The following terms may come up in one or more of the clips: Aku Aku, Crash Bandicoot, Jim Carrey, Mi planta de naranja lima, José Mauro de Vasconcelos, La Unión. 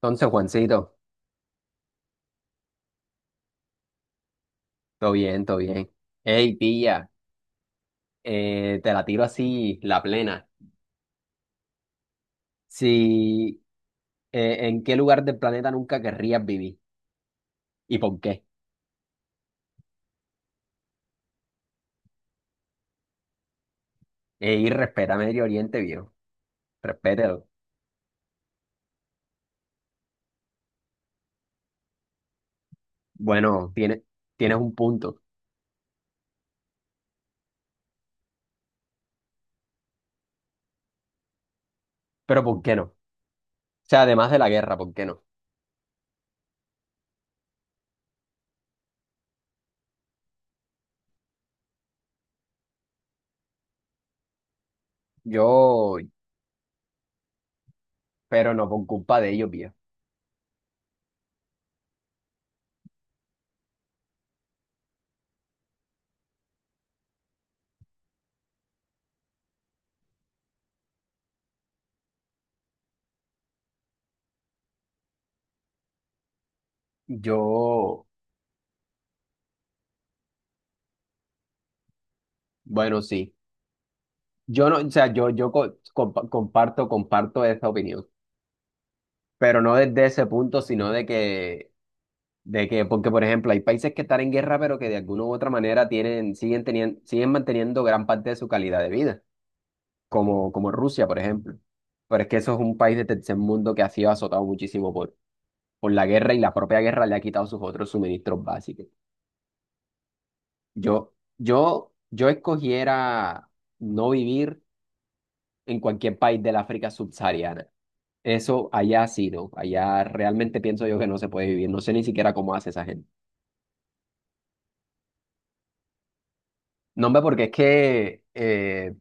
Entonces, Juancito, todo bien, todo bien. Hey, pilla, te la tiro así, la plena. Si, ¿en qué lugar del planeta nunca querrías vivir? ¿Y por qué? Ey, respeta Medio Oriente, viejo. Respétalo. Bueno, tienes un punto. Pero ¿por qué no? O sea, además de la guerra, ¿por qué no? Yo, pero no por culpa de ellos, viejo. Yo, bueno, sí. Yo no, o sea, yo comparto esa opinión. Pero no desde ese punto, sino de que de que, porque por ejemplo, hay países que están en guerra, pero que de alguna u otra manera siguen siguen manteniendo gran parte de su calidad de vida, como Rusia, por ejemplo. Pero es que eso es un país de tercer mundo que ha sido azotado muchísimo por la guerra, y la propia guerra le ha quitado sus otros suministros básicos. Yo escogiera no vivir en cualquier país del África subsahariana. Eso allá sí, ¿no? Allá realmente pienso yo que no se puede vivir. No sé ni siquiera cómo hace esa gente. No, hombre, porque es que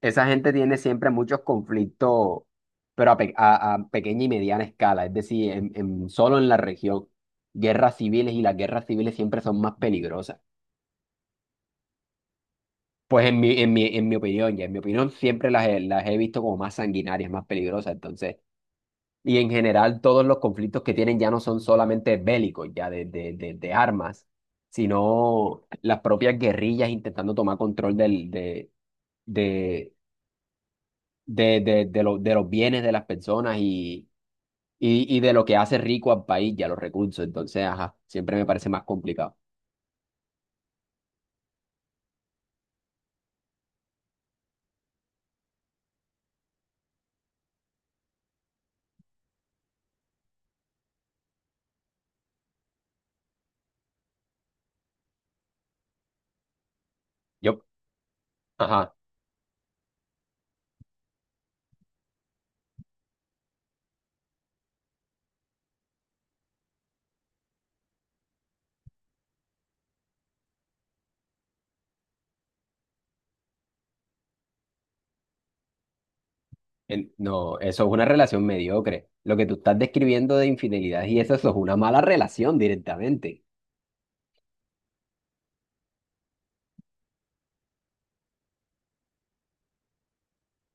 esa gente tiene siempre muchos conflictos, pero a pequeña y mediana escala, es decir, solo en la región. Guerras civiles, y las guerras civiles siempre son más peligrosas. Pues en mi opinión, ya en mi opinión, siempre las he visto como más sanguinarias, más peligrosas. Entonces, y en general todos los conflictos que tienen ya no son solamente bélicos, ya de armas, sino las propias guerrillas intentando tomar control del, de, de, lo- de los bienes de las personas, y de lo que hace rico al país y a los recursos. Entonces, ajá, siempre me parece más complicado. Yo, ajá, no, eso es una relación mediocre. Lo que tú estás describiendo de infidelidad y eso es una mala relación directamente.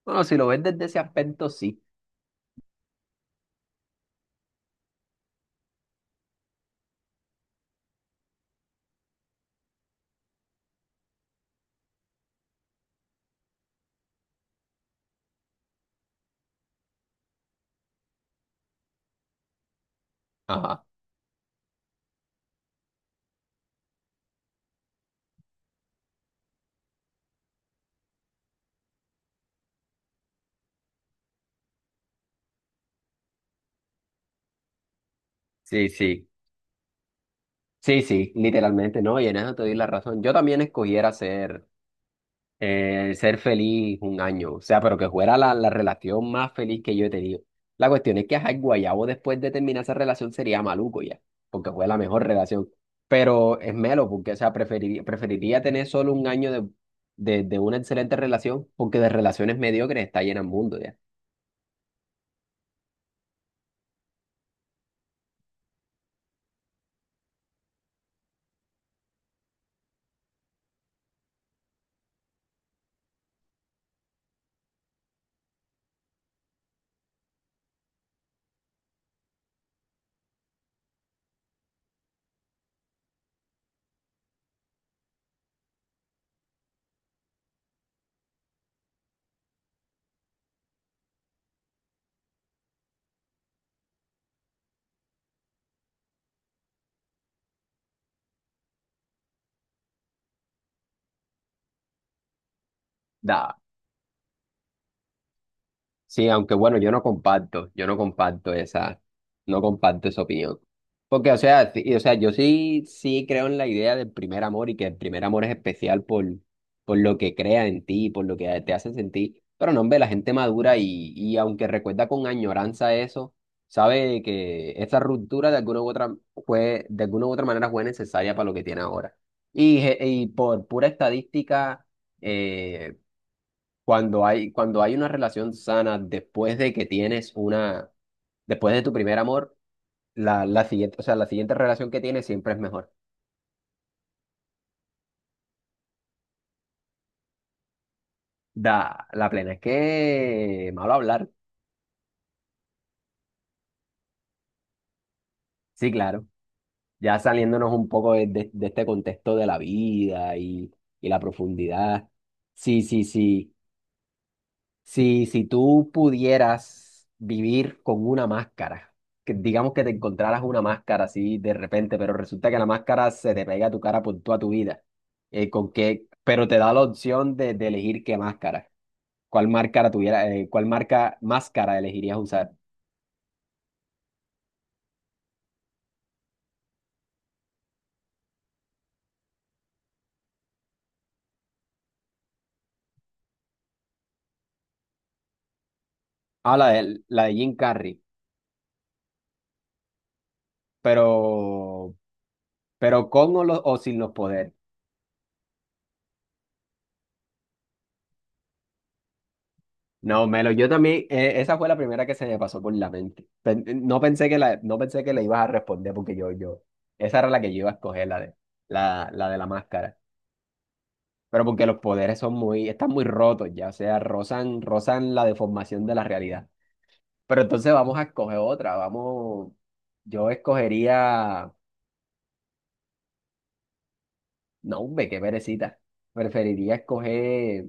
Bueno, si lo ves desde ese aspecto, sí. Ajá, sí, sí. Sí, sí, literalmente, no, y en eso te doy la razón. Yo también escogiera ser ser feliz un año, o sea, pero que fuera la relación más feliz que yo he tenido. La cuestión es que ajá, el guayabo después de terminar esa relación sería maluco ya, porque fue la mejor relación. Pero es melo, porque, o sea, preferiría tener solo un año de, de una excelente relación, porque de relaciones mediocres está llena el mundo ya. Sí, aunque bueno, yo no comparto esa, no comparto esa opinión. Porque, o sea, o sea, yo sí, sí creo en la idea del primer amor y que el primer amor es especial por lo que crea en ti, por lo que te hace sentir. Pero no, hombre, la gente madura y aunque recuerda con añoranza eso, sabe que esa ruptura de alguna u otra fue, de alguna u otra manera fue necesaria para lo que tiene ahora. Y, y por pura estadística eh, cuando cuando hay una relación sana después de que tienes una, después de tu primer amor, la siguiente, o sea, la siguiente relación que tienes siempre es mejor. Da, la plena. Es que malo hablar. Sí, claro. Ya saliéndonos un poco de, de este contexto de la vida y la profundidad. Sí, sí, sí. Si, si tú pudieras vivir con una máscara, que digamos que te encontraras una máscara así de repente, pero resulta que la máscara se te pega a tu cara por toda tu vida, con qué, pero te da la opción de elegir qué máscara, cuál máscara tuviera, cuál marca máscara elegirías usar. Ah, la de Jim Carrey, pero, pero con o sin los poderes. No, Melo, yo también, esa fue la primera que se me pasó por la mente. No pensé que la, no pensé que le ibas a responder porque yo, esa era la que yo iba a escoger, la de la máscara. Pero porque los poderes son muy, están muy rotos ya, o sea, rozan, rozan la deformación de la realidad. Pero entonces vamos a escoger otra, vamos, yo escogería, no, hombre, qué perecita. Preferiría escoger,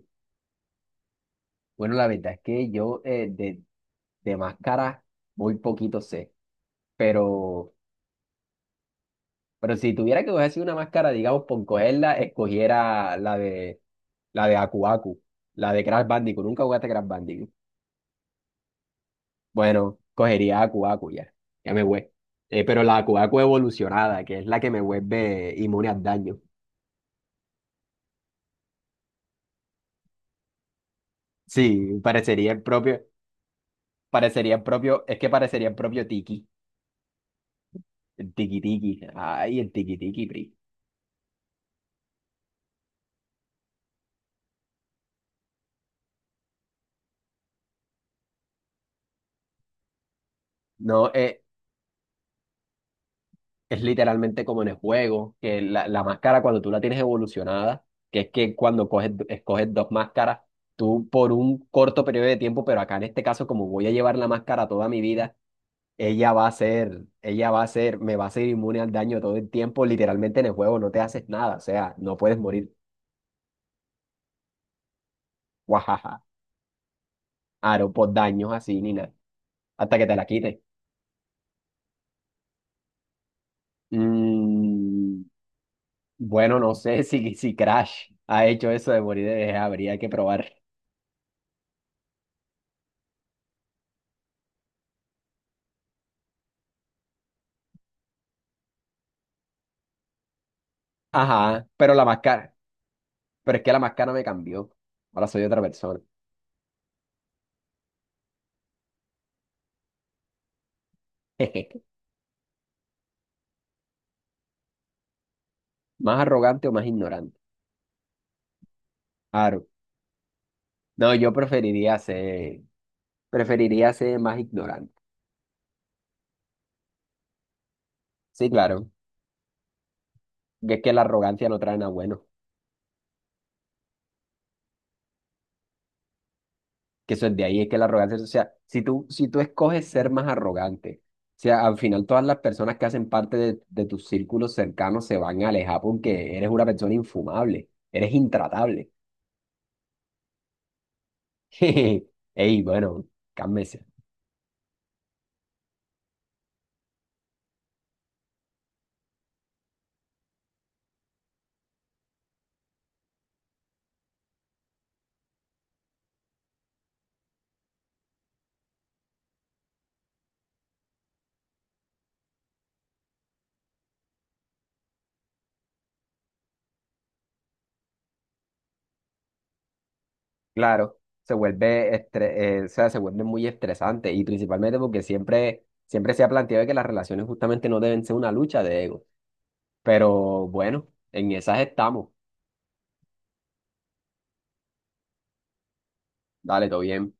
bueno, la verdad es que yo de máscara muy poquito sé, pero... Pero si tuviera que coger así una máscara, digamos, por cogerla, escogiera la de Aku Aku, la de Crash Bandicoot. Nunca jugaste Crash Bandicoot. Bueno, cogería Aku Aku ya. Ya me voy. Pero la Aku Aku evolucionada, que es la que me vuelve inmune al daño. Sí, parecería el propio, es que parecería el propio Tiki. El Tiki Tiki. Ay, el Tiki Tiki, Pri. No, es literalmente como en el juego, que la máscara cuando tú la tienes evolucionada, que es que cuando coges, escoges dos máscaras, tú por un corto periodo de tiempo, pero acá en este caso, como voy a llevar la máscara toda mi vida, ella va a ser, me va a ser inmune al daño todo el tiempo, literalmente en el juego no te haces nada, o sea, no puedes morir, guajaja, aro por daños así ni nada, hasta que te la quite. Mm, bueno, no sé si, si Crash ha hecho eso de morir de vejez, habría que probar. Ajá, pero la máscara, pero es que la máscara me cambió. Ahora soy otra persona. ¿Más arrogante o más ignorante? Claro. No, yo preferiría ser más ignorante. Sí, claro. que Es que la arrogancia no trae nada bueno. Que eso es de ahí, es que la arrogancia, o sea, si tú escoges ser más arrogante, o sea, al final todas las personas que hacen parte de tus círculos cercanos se van a alejar porque eres una persona infumable, eres intratable. Ey, bueno, cálmese. Claro, se vuelve estre- o sea, se vuelve muy estresante, y principalmente porque siempre, siempre se ha planteado que las relaciones justamente no deben ser una lucha de ego. Pero bueno, en esas estamos. Dale, todo bien.